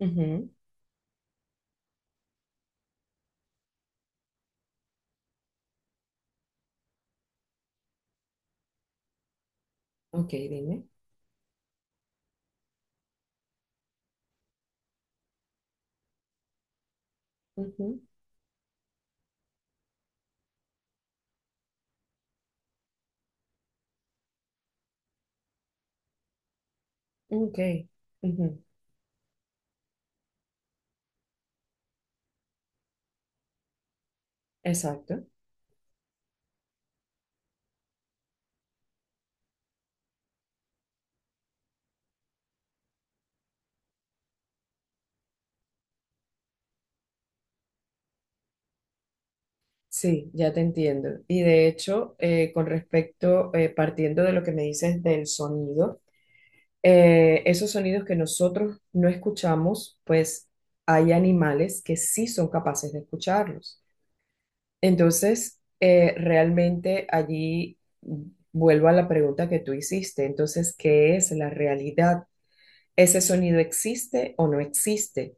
Ujú. Ok, dime. Ujú. Ok. Ujú. Exacto. Sí, ya te entiendo. Y de hecho, con respecto, partiendo de lo que me dices del sonido, esos sonidos que nosotros no escuchamos, pues hay animales que sí son capaces de escucharlos. Entonces, realmente allí vuelvo a la pregunta que tú hiciste. Entonces, ¿qué es la realidad? ¿Ese sonido existe o no existe?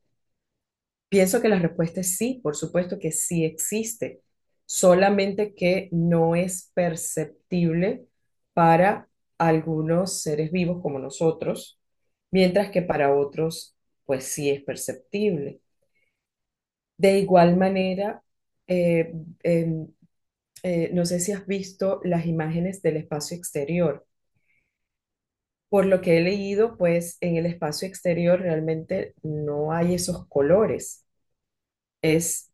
Pienso que la respuesta es sí, por supuesto que sí existe, solamente que no es perceptible para algunos seres vivos como nosotros, mientras que para otros, pues sí es perceptible. De igual manera, eh, em, no sé si has visto las imágenes del espacio exterior. Por lo que he leído, pues en el espacio exterior realmente no hay esos colores. Es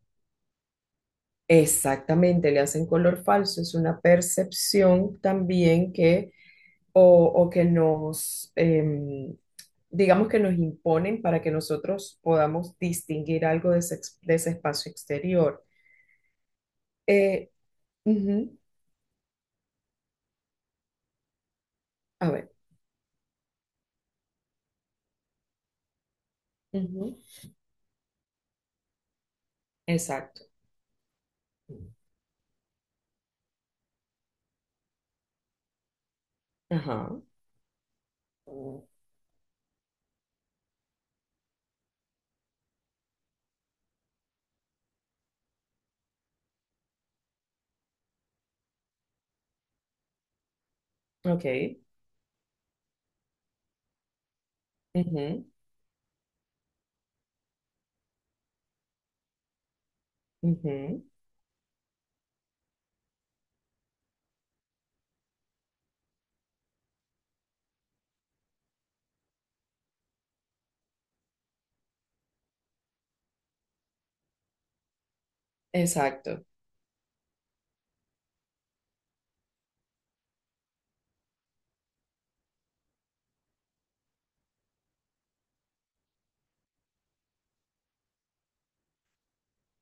Exactamente, le hacen color falso. Es una percepción también que, o, o que nos, digamos que nos imponen para que nosotros podamos distinguir algo de ese, de ese espacio exterior. Eh, ujú. A ver. Ujú. Exacto. Ajá. Ok. Ujú. Ujú. Exacto.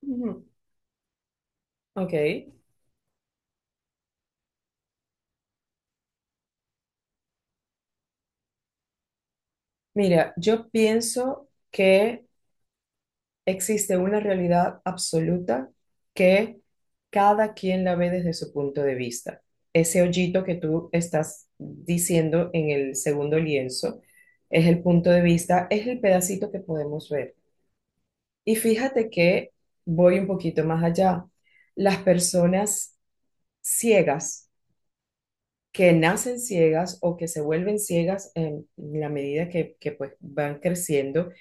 Ujú. Ok. Mira, yo pienso que existe una realidad absoluta que cada quien la ve desde su punto de vista. Ese hoyito que tú estás diciendo en el segundo lienzo es el punto de vista, es el pedacito que podemos ver. Y fíjate que voy un poquito más allá. Las personas ciegas, que nacen ciegas o que se vuelven ciegas en la medida que pues van creciendo,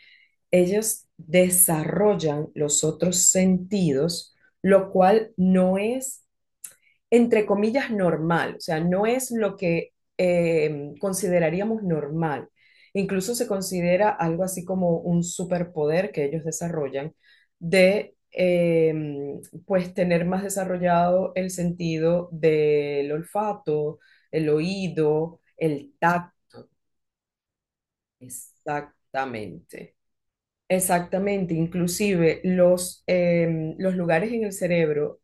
ellos desarrollan los otros sentidos, lo cual no es, entre comillas, normal. O sea, no es lo que consideraríamos normal. Incluso se considera algo así como un superpoder que ellos desarrollan de, pues, tener más desarrollado el sentido del olfato, el oído, el tacto, exactamente. Exactamente, inclusive los lugares en el cerebro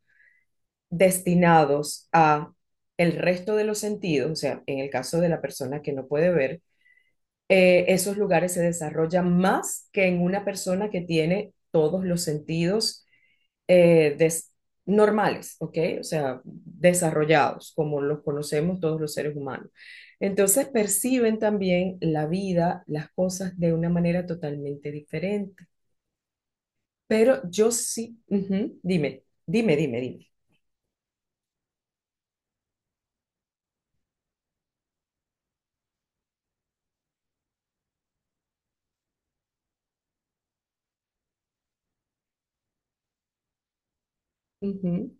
destinados a el resto de los sentidos, o sea, en el caso de la persona que no puede ver, esos lugares se desarrollan más que en una persona que tiene todos los sentidos eh, des- normales, ¿ok? O sea, desarrollados, como los conocemos todos los seres humanos. Entonces perciben también la vida, las cosas de una manera totalmente diferente. Pero yo sí, ujú. Dime, dime, dime, dime. Ujú.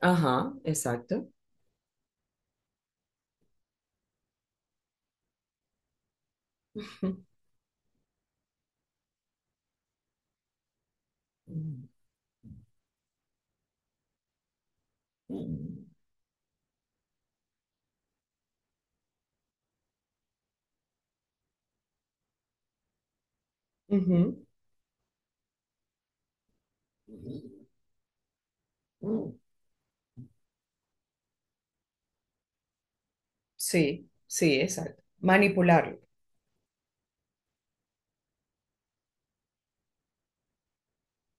Ajá, exacto. Ujú. Ujú. Sí, sí, exacto. Manipularlo.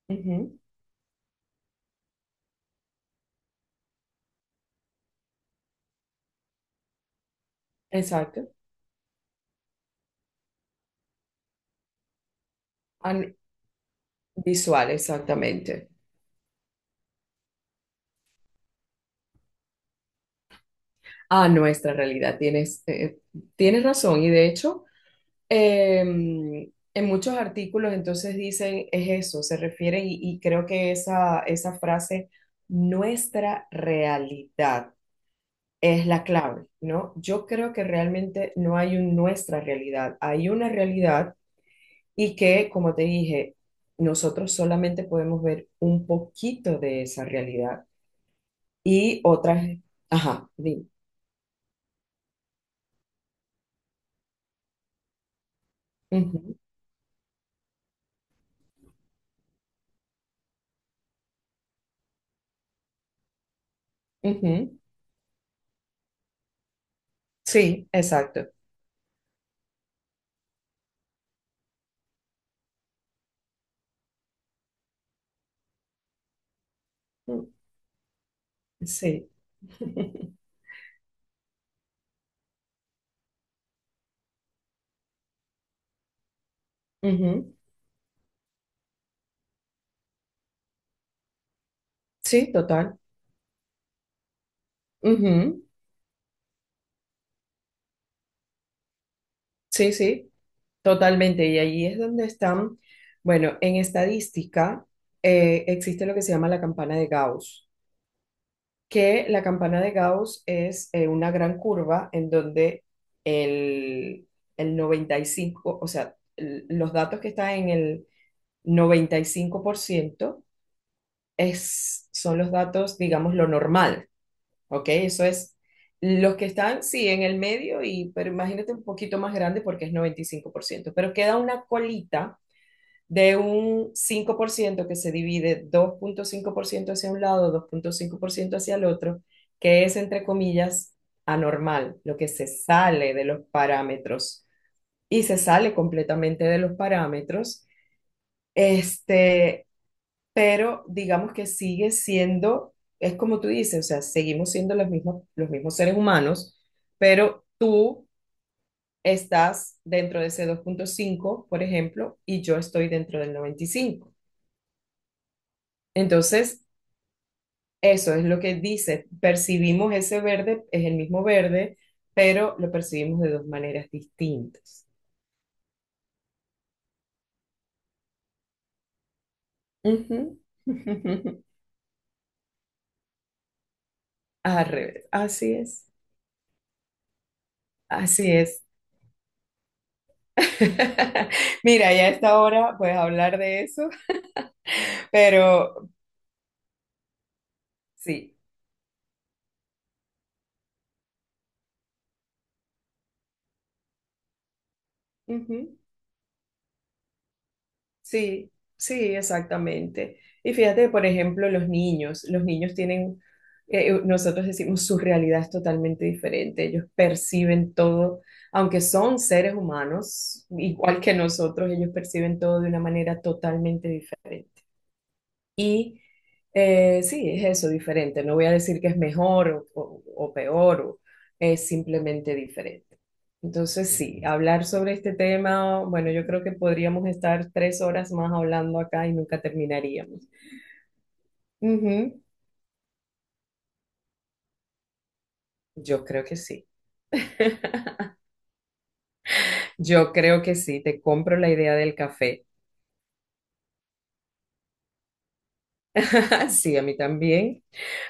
Ujú. Exacto. An- visual, exactamente. A nuestra realidad. Tienes razón. Y de hecho. Eh, en muchos artículos entonces dicen es eso, se refieren y creo que esa frase, nuestra realidad, es la clave, ¿no? Yo creo que realmente no hay un nuestra realidad, hay una realidad y que, como te dije, nosotros solamente podemos ver un poquito de esa realidad y otras, ajá, dime. Ujú. Ujú. Sí, exacto. Mm, sí. Ujú. Sí, total. Ujú. Sí, sí, totalmente. Y allí es donde están, bueno, en estadística existe lo que se llama la campana de Gauss, que la campana de Gauss es una gran curva en donde el, el 95, o sea, los datos que están en el 95% es, son los datos, digamos, lo normal. Ok, eso es. Los que están, sí, en el medio, y, pero imagínate un poquito más grande porque es 95%. Pero queda una colita de un 5% que se divide 2.5% hacia un lado, 2.5% hacia el otro, que es, entre comillas, anormal, lo que se sale de los parámetros y se sale completamente de los parámetros. Este, pero digamos que sigue siendo, es como tú dices, o sea, seguimos siendo los mismos seres humanos, pero tú estás dentro de ese 2.5, por ejemplo, y yo estoy dentro del 95. Entonces, eso es lo que dice, percibimos ese verde, es el mismo verde, pero lo percibimos de dos maneras distintas. Ujú. Al revés, así es, así es. Mira, ya a esta hora, pues hablar de eso. Pero sí. Ujú. Sí, sí, exactamente. Y fíjate, por ejemplo, los niños. Los niños tienen, nosotros decimos, su realidad es totalmente diferente. Ellos perciben todo, aunque son seres humanos, igual que nosotros, ellos perciben todo de una manera totalmente diferente. Y sí, es eso, diferente. No voy a decir que es mejor o peor, es simplemente diferente. Entonces, sí, hablar sobre este tema, bueno, yo creo que podríamos estar 3 horas más hablando acá y nunca terminaríamos. Ujú. Yo creo que sí. Yo creo que sí, te compro la idea del café. Sí, a mí también.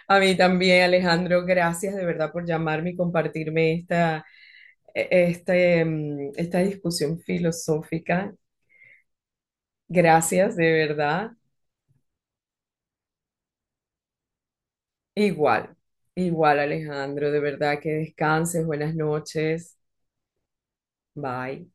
A mí también, Alejandro, gracias de verdad por llamarme y compartirme esta, e- este, mm, esta discusión filosófica. Gracias, de verdad. Igual, igual, Alejandro, de verdad que descanses, buenas noches. Bye.